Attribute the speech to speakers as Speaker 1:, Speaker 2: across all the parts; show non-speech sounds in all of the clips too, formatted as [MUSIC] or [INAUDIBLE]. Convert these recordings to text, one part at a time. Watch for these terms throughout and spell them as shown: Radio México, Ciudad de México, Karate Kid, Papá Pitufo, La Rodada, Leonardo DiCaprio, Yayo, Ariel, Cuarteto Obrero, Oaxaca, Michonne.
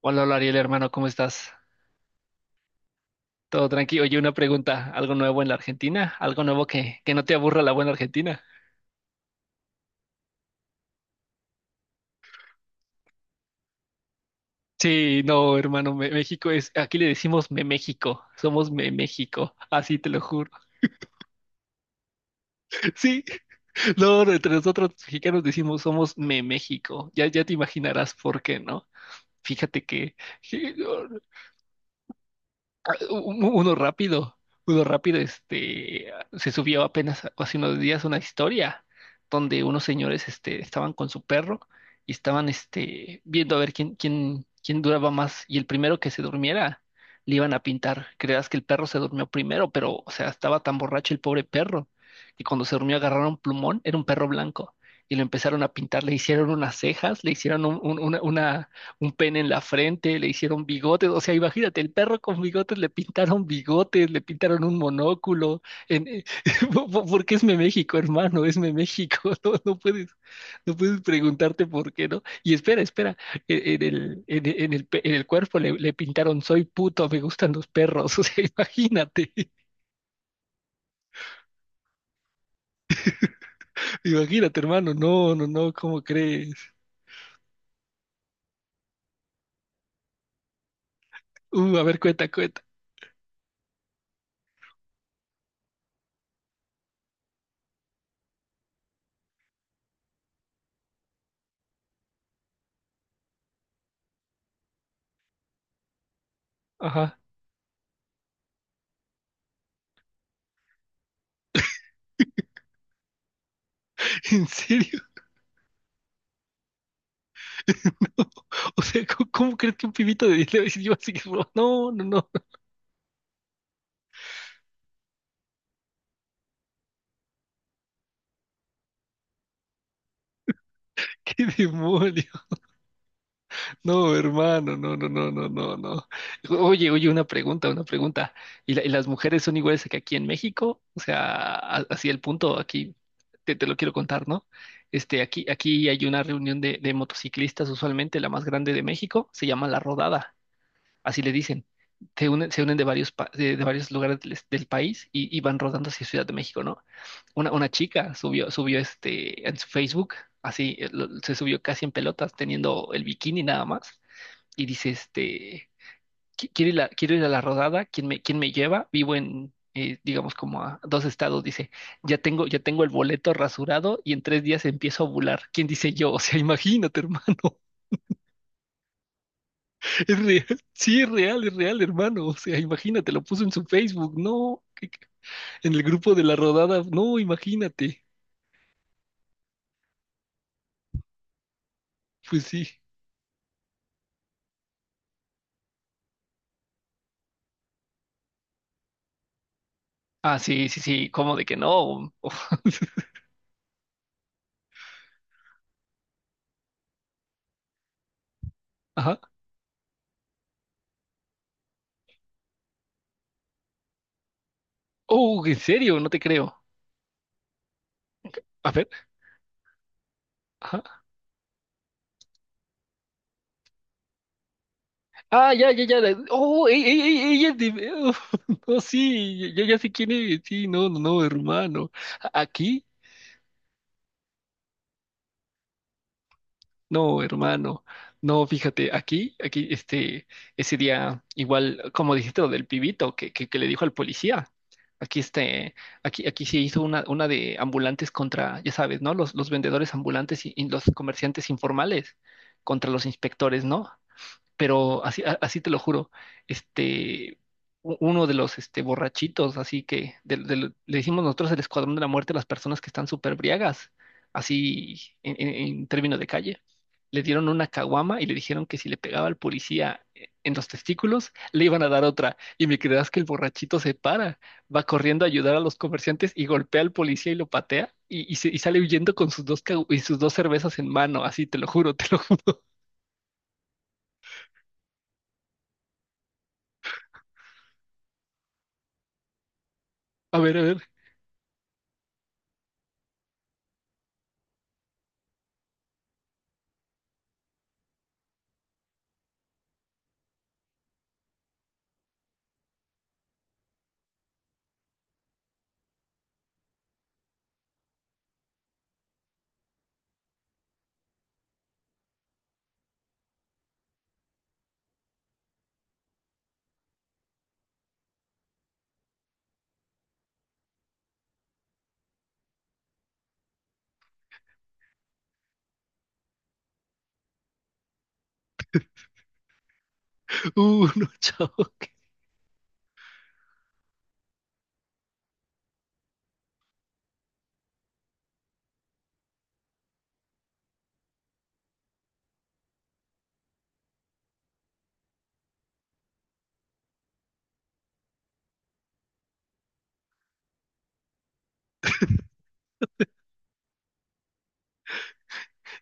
Speaker 1: Hola, hola Ariel, hermano, ¿cómo estás? Todo tranquilo. Oye, una pregunta, ¿algo nuevo en la Argentina? ¿Algo nuevo que no te aburra la buena Argentina? Sí, no, hermano, México es, aquí le decimos Me México, somos Me México, así te lo juro. [LAUGHS] Sí, no, no, entre nosotros los mexicanos decimos somos Me México, ya, ya te imaginarás por qué, ¿no? Fíjate que u- uno rápido, uno rápido, este, se subió apenas hace unos días una historia donde unos señores, este, estaban con su perro y estaban, este, viendo a ver quién duraba más y el primero que se durmiera le iban a pintar. Creas que el perro se durmió primero, pero, o sea, estaba tan borracho el pobre perro que cuando se durmió agarraron plumón, era un perro blanco y lo empezaron a pintar, le hicieron unas cejas, le hicieron un- una un pene en la frente, le hicieron bigotes, o sea, imagínate, el perro con bigotes, le pintaron un monóculo, en, eh, [LAUGHS] porque es Meméxico, México, hermano, es Meméxico, México, [LAUGHS] no, no puedes preguntarte por qué, ¿no? Y espera, espera, e- en el, pe- en el cuerpo le pintaron soy puto, me gustan los perros, [LAUGHS] o sea, imagínate, [LAUGHS] imagínate, hermano, no, no, no, ¿cómo crees? A ver, cuenta, cuenta. Ajá, [LAUGHS] ¿en serio? [LAUGHS] O sea, ¿cómo crees que un pibito de 10 le va a decir yo así que no, no, no, [LAUGHS] qué demonio? No, hermano, no, no, no, no, no, no. Oye, oye, una pregunta, una pregunta. ¿Y las mujeres son iguales que aquí en México? O sea, así el punto aquí te lo quiero contar, ¿no? Este, aquí hay una reunión de motociclistas, usualmente la más grande de México, se llama La Rodada, así le dicen. Se unen de varios lugares del país y van rodando hacia Ciudad de México, ¿no? Una chica subió este en su Facebook, así se subió casi en pelotas, teniendo el bikini nada más, y dice este, Quiero ir a la rodada, ¿quién me lleva? Vivo digamos, como a dos estados, dice, ya tengo el boleto rasurado y en 3 días empiezo a ovular. ¿Quién dice yo?" [LAUGHS] O sea, imagínate, hermano, [LAUGHS] es real, sí, es real, hermano, o sea, imagínate, lo puso en su Facebook, no, en el grupo de la rodada, no, imagínate, pues sí. Ah, sí, sí, sí, ¿cómo de que no? [LAUGHS] Ajá. Oh, ¿en serio? No te creo. A ver. Ajá. Ah, ya, ya, ya. Oh, ey, ey, ey, ella es de. [LAUGHS] Oh, no, sí, ya, ya sé quién es. Sí, no, no, no, hermano. Aquí, no, hermano, no, fíjate, aquí, este, ese día, igual, como dijiste lo del pibito que le dijo al policía, aquí, este, aquí se hizo una de ambulantes contra, ya sabes, ¿no? Los vendedores ambulantes y los comerciantes informales contra los inspectores, ¿no? Pero así, así te lo juro, este, uno de los este, borrachitos, así que le decimos nosotros el escuadrón de la muerte a las personas que están súper briagas, así en términos de calle. Le dieron una caguama y le dijeron que si le pegaba al policía en los testículos, le iban a dar otra. Y me creerás que el borrachito se para, va corriendo a ayudar a los comerciantes y golpea al policía y lo patea y sale huyendo con sus dos cervezas en mano, así te lo juro, te lo juro. [LAUGHS] A ver, a ver. [LAUGHS] No, chao, qué,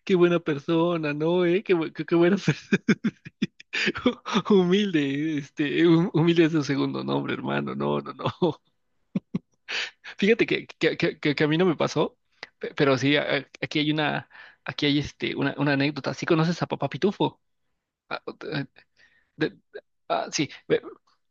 Speaker 1: qué buena persona, ¿no? ¿Eh? Qué buena persona, [LAUGHS] humilde, este, humilde es un segundo nombre, hermano, no, no, no. [LAUGHS] Fíjate que a mí no me pasó, pero sí, aquí hay una anécdota. ¿Sí conoces a Papá Pitufo? Ah, de- ah, sí,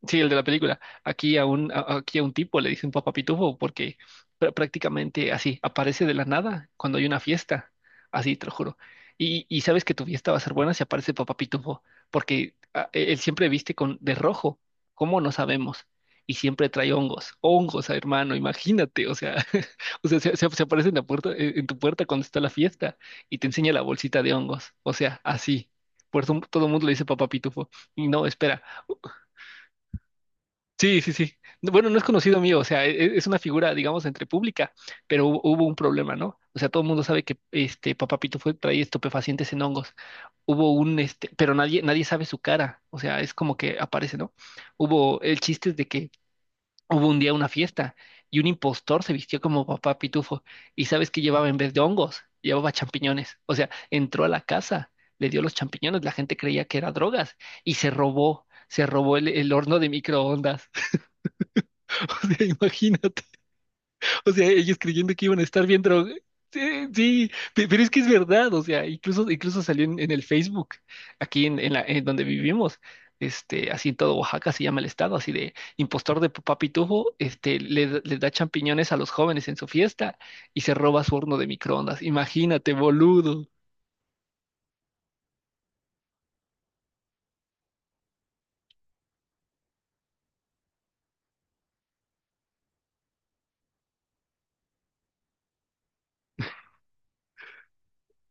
Speaker 1: sí, el de la película. Aquí a un tipo le dicen papá pitufo porque prácticamente así aparece de la nada cuando hay una fiesta. Así, te lo juro. Y sabes que tu fiesta va a ser buena si aparece papá pitufo, porque él siempre viste con de rojo, ¿cómo no sabemos? Y siempre trae hongos, hongos, hermano, imagínate, o sea, [LAUGHS] o sea, se aparece en la puerta, en tu puerta cuando está la fiesta y te enseña la bolsita de hongos, o sea, así. Por eso todo el mundo le dice papá pitufo. Y no, espera, sí, sí, sí. No, bueno, no es conocido mío, o sea, es una figura, digamos, entre pública, pero hubo un problema, ¿no? O sea, todo el mundo sabe que este Papá Pito fue trae estupefacientes en hongos. Hubo un este, pero nadie sabe su cara, o sea, es como que aparece, ¿no? Hubo El chiste es de que hubo un día una fiesta y un impostor se vistió como papá Pitufo. ¿Y sabes qué llevaba en vez de hongos? Llevaba champiñones. O sea, entró a la casa, le dio los champiñones, la gente creía que era drogas y se robó el horno de microondas. [LAUGHS] O sea, imagínate. O sea, ellos creyendo que iban a estar bien drogados. Sí, sí, pero es que es verdad, o sea, incluso salió en el Facebook, aquí en donde vivimos, este, así en todo Oaxaca se llama el estado, así de impostor de papá Pitufo, este, le da champiñones a los jóvenes en su fiesta y se roba su horno de microondas. Imagínate, boludo.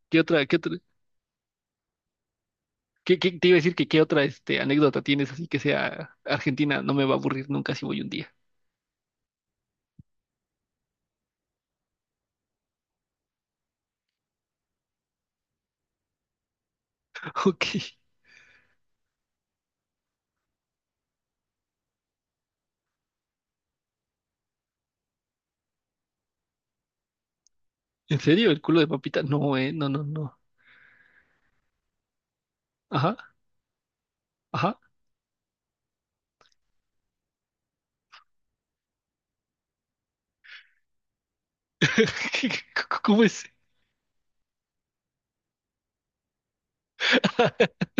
Speaker 1: ¿Qué otra, qué otra, qué, qué- te iba a decir que qué otra, este, anécdota tienes así que sea Argentina? No me va a aburrir nunca si voy un día. [LAUGHS] Ok. ¿En serio? ¿El culo de papita? No, no, no, no. Ajá. Ajá. [LAUGHS] ¿Cómo es? [LAUGHS]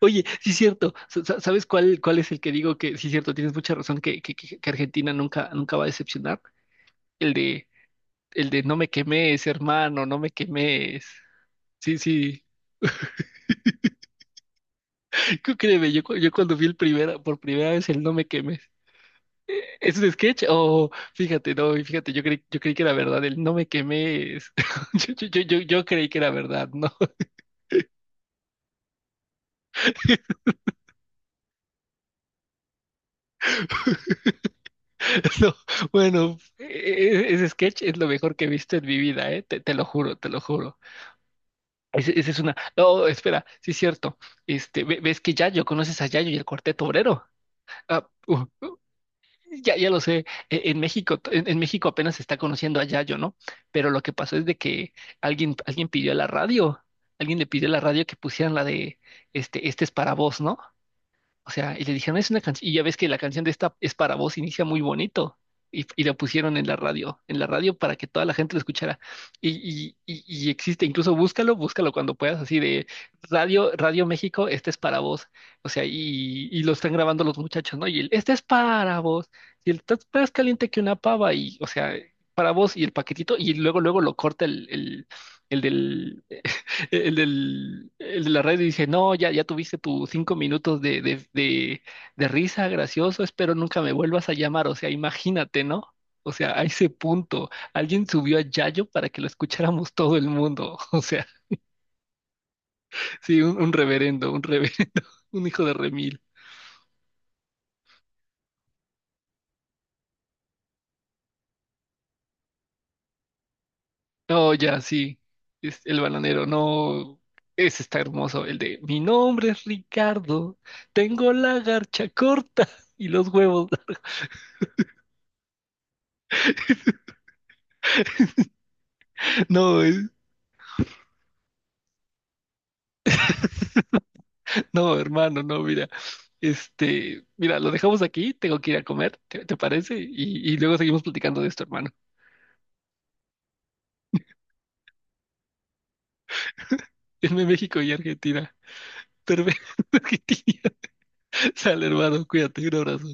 Speaker 1: Oye, sí es cierto. ¿Sabes cuál es el que digo que sí es cierto? Tienes mucha razón que Argentina nunca, nunca va a decepcionar. El de, el de no me quemes, hermano, no me quemes. Sí, sí. [LAUGHS] Créeme, yo cuando vi por primera vez el no me quemes. ¿Es un sketch? O fíjate, no, y fíjate, yo creí que era verdad, el no me quemes. [LAUGHS] Yo creí que era verdad, ¿no? [LAUGHS] [LAUGHS] No, bueno, ese sketch es lo mejor que he visto en mi vida, ¿eh? Te lo juro, te lo juro. Ese es una. No, espera, sí es cierto. Este, ves que Yayo, conoces a Yayo y el Cuarteto Obrero. Ah, ya, ya lo sé, en México, en México apenas se está conociendo a Yayo, ¿no? Pero lo que pasó es de que alguien alguien pidió a la radio, alguien le pidió a la radio que pusieran la de, este es para vos, ¿no? O sea, y le dijeron, es una canción, y ya ves que la canción de esta es para vos, inicia muy bonito. Y la pusieron en la radio para que toda la gente lo escuchara. Y existe, incluso búscalo, búscalo cuando puedas, así de Radio, Radio México, este es para vos. O sea, y lo están grabando los muchachos, ¿no? Y este es para vos. Y estás más caliente que una pava, y, o sea, para vos, y el paquetito, y luego lo corta el del el de la radio dice, no, ya, ya tuviste tus 5 minutos de risa, gracioso, espero nunca me vuelvas a llamar. O sea, imagínate, ¿no? O sea, a ese punto, alguien subió a Yayo para que lo escucháramos todo el mundo. [LAUGHS] O sea, sí, un reverendo, un reverendo, [LAUGHS] un hijo de remil. No, ya, sí, es el bananero, no, ese está hermoso, el de, mi nombre es Ricardo, tengo la garcha corta y los huevos. [LAUGHS] No, no, hermano, no, mira. Este, mira, lo dejamos aquí, tengo que ir a comer, ¿te parece? Y luego seguimos platicando de esto, hermano. [LAUGHS] Irme México y Argentina. Pero [LAUGHS] Argentina. Sale, hermano, cuídate, un abrazo.